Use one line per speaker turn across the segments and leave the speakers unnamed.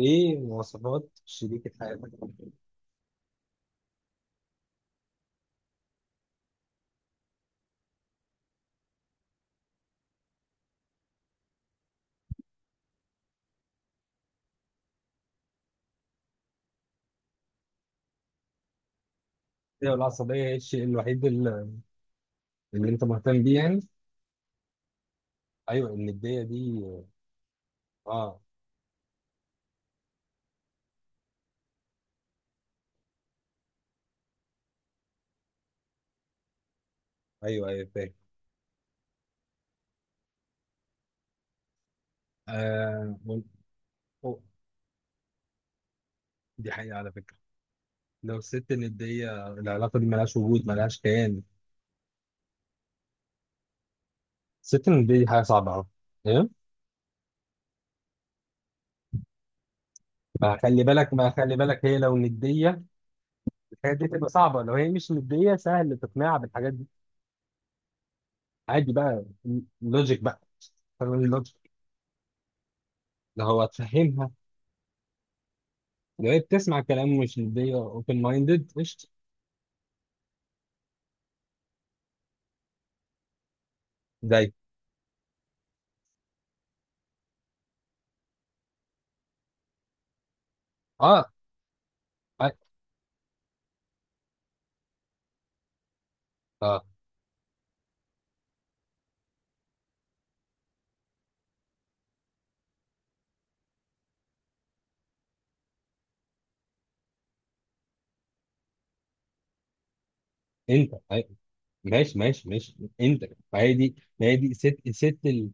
ايه مواصفات شريكة حياتك؟ ايوه، العصبية هي الشيء الوحيد اللي انت مهتم بيه يعني. ايوه الندية دي. اه. ايوه ايوه، فاهم. آه وال- أو، دي حقيقة على فكرة. لو الست الندية، العلاقة دي ملهاش وجود، ملهاش كيان. الست الندية دي حاجة صعبة أوي. ايه. ما خلي بالك، هي لو ندية الحاجات دي تبقى صعبة، لو هي مش ندية سهل تقنعها بالحاجات دي. عادي بقى. لوجيك بقى. فاهم اللوجيك، اللي هو تفهمها، بقيت تسمع كلام مش مدي، اوبن مايندد، قشطه. زي. اه اه. آه، انت آه، ماشي ماشي ماشي، انت. ما هي دي ما هي دي ست.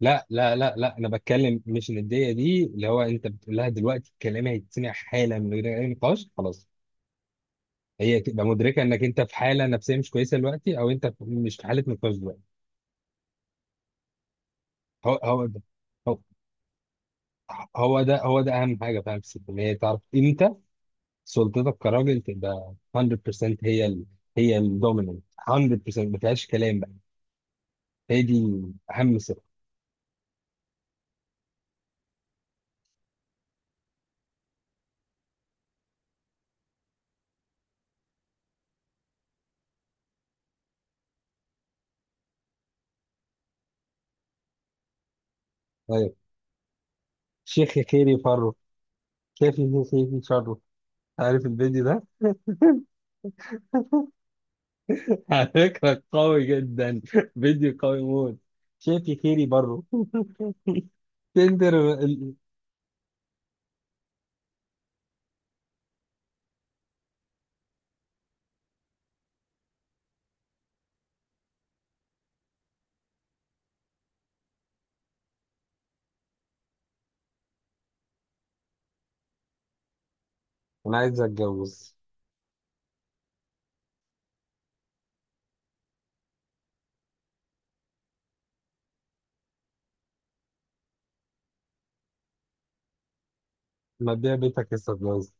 لا لا لا لا، انا بتكلم مش نديه دي، اللي هو انت بتقول لها دلوقتي الكلام هيتسمع حالا من غير اي نقاش خلاص. هي تبقى مدركه انك انت في حاله نفسيه مش كويسه دلوقتي، او انت مش في حاله نقاش دلوقتي. هو ده. هو. هو ده هو ده اهم حاجه، فاهم، في الست ان هي تعرف امتى سلطتك كراجل تبقى 100%، هي ال...، هي الدوميننت 100%، ما فيهاش كلام بقى. هي دي اهم سر. طيب. شيخ يا خيري فره. شايف يا خيري شره. عارف الفيديو ده؟ على فكرة قوي جدا. فيديو قوي موت. شايف يا خيري بره. تندر. انا عايز اتجوز. ما تبيع بيتك لسه اتجوز.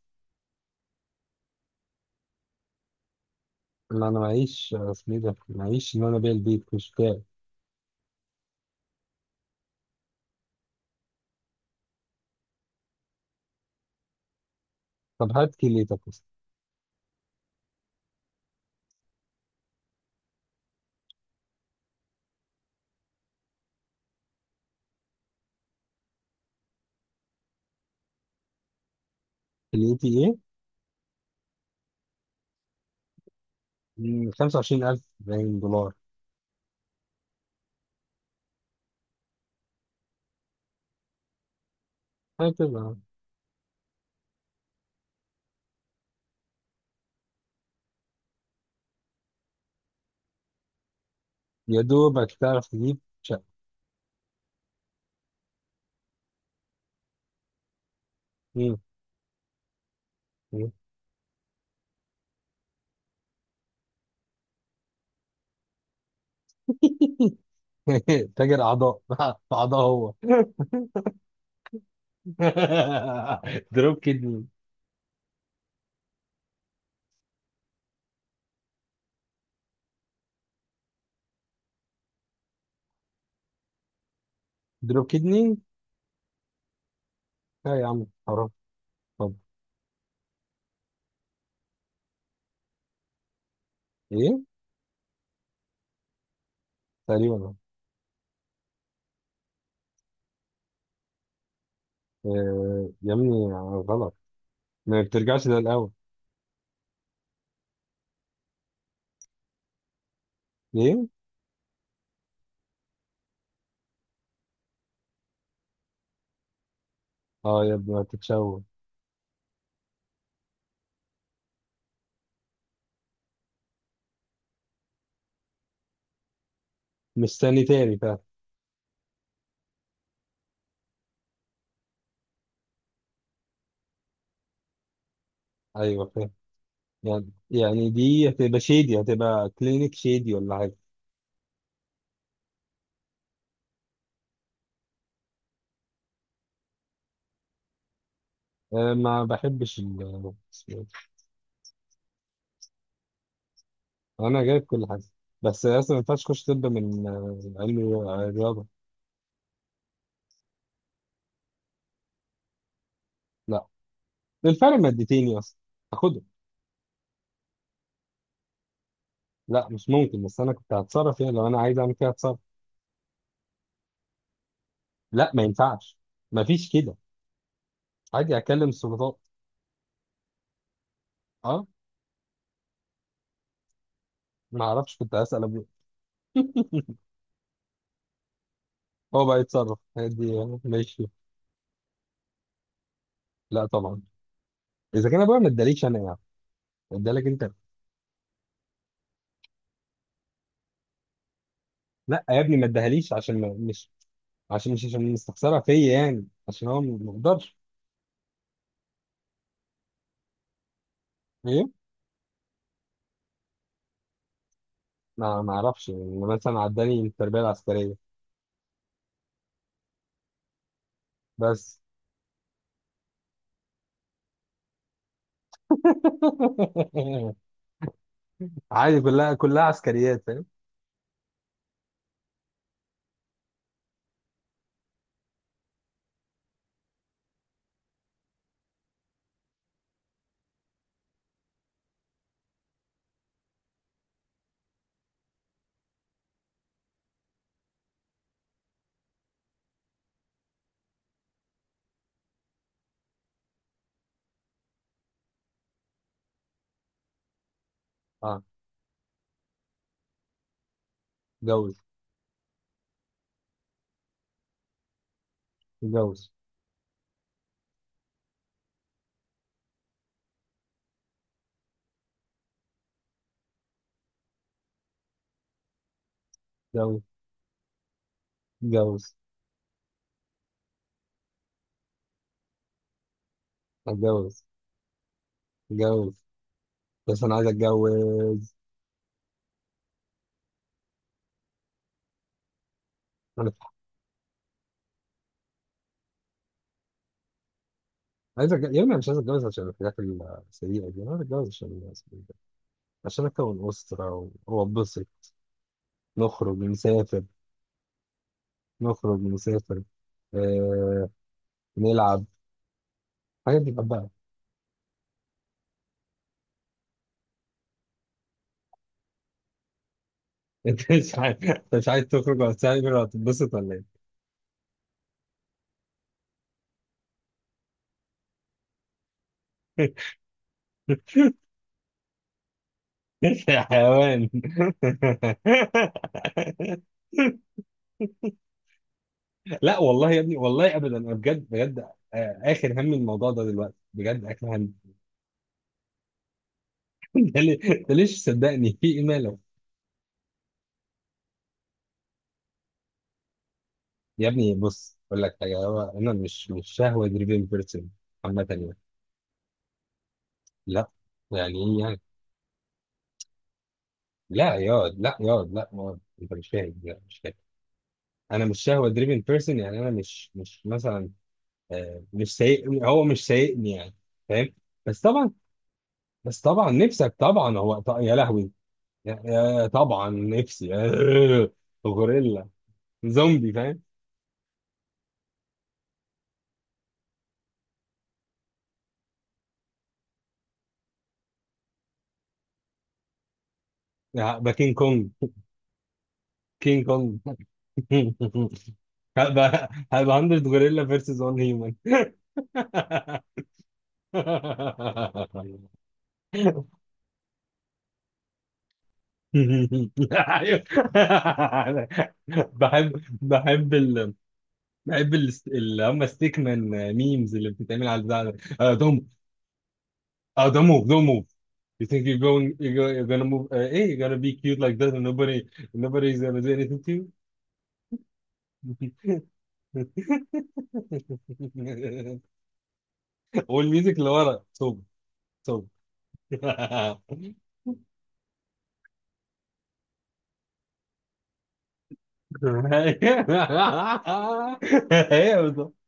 لا انا معيش اسمي ده، معيش ان انا ابيع البيت مش بتاعي. طب هات كليتك. كليتي ايه؟ 25,000 باين دولار. هكذا. يا دوبك تعرف تجيب شقة. مم. مم. تاجر أعضاء. في أعضاء هو. دروب كدني. دروب كدني. لا يا عم، حرام. طب. إيه. تقريبا. آه يا ابني، غلط، ما بترجعش للأول. ليه. اه يا ابني هتتشوه. مستني تاني فعلا. أيوه فاهم. يعني دي هتبقى شيدي، هتبقى كلينيك شيدي ولا حاجة. آه، ما بحبش اسمه إيه؟ أنا جايب كل حاجة. بس أصلا ما ينفعش تخش طب من علم رياضة. لا، الفرق مادتين يا اسطى، هاخدهم. لا مش ممكن، بس انا كنت هتصرف فيها، لو انا عايز اعمل كده هتصرف. لا ما ينفعش، ما فيش كده. عادي اكلم السلطات. اه. ما اعرفش، كنت هسال ابويا، هو بقى يتصرف دي. ماشي فيها. لا طبعا، اذا كان ابويا ما اداليش انا يعني ادالك انت. لا يا ابني ما اداهاليش عشان ما مش عشان مش عشان مستخسرها فيا يعني، عشان هو ما يقدرش. ايه. ما اعرفش يعني، مثلا عداني التربيه العسكريه بس. عادي كلها كلها عسكريات، فاهم. اه. اتجوز. اتجوز. اتجوز. اتجوز. اتجوز. اتجوز. بس انا عايز اتجوز. انا عايز يا ابني أنا مش عايز اتجوز عشان الحاجات السيئه دي، انا عايز اتجوز عشان اكون اسره واتبسط. نخرج نسافر نخرج نسافر، آه... نلعب، حاجات دي بحبها. انت مش عايز أنت مش عايز تخرج ولا تسافر ولا تتبسط ولا. ايه؟ يا حيوان. لا والله يا ابني، والله ابدا، انا بجد بجد. اخر هم الموضوع ده دلوقتي، بجد اخر هم. أنت ليش صدقني؟ في ايه ماله؟ يا ابني بص اقول لك حاجه، هو انا مش شهوه دريفن بيرسون عامه يعني. لا. يعني ايه يعني. لا ياض، لا ياض، لا ياض، انت مش فاهم، لا مش فاهم. انا مش شهوه دريفن بيرسون يعني، انا مش مثلا مش سايق، هو مش سايقني يعني، فاهم. بس طبعا. بس طبعا نفسك طبعا، هو يا لهوي. يا طبعا نفسي. غوريلا. زومبي فاهم. هبقى كينج كونج. كينج كونج. هبقى 100 غوريلا فيرسز 1 هيومن. ايوه. بحب بحب ال... بحب اللي هم ستيك مان ميمز اللي بتتعمل على البتاع ده. آه، don't don't move don't move. You think you're gonna move, hey you're gonna be cute like that and nobody's gonna do anything to you. والميوزك اللي ورا توب. توب. هي بالظبط.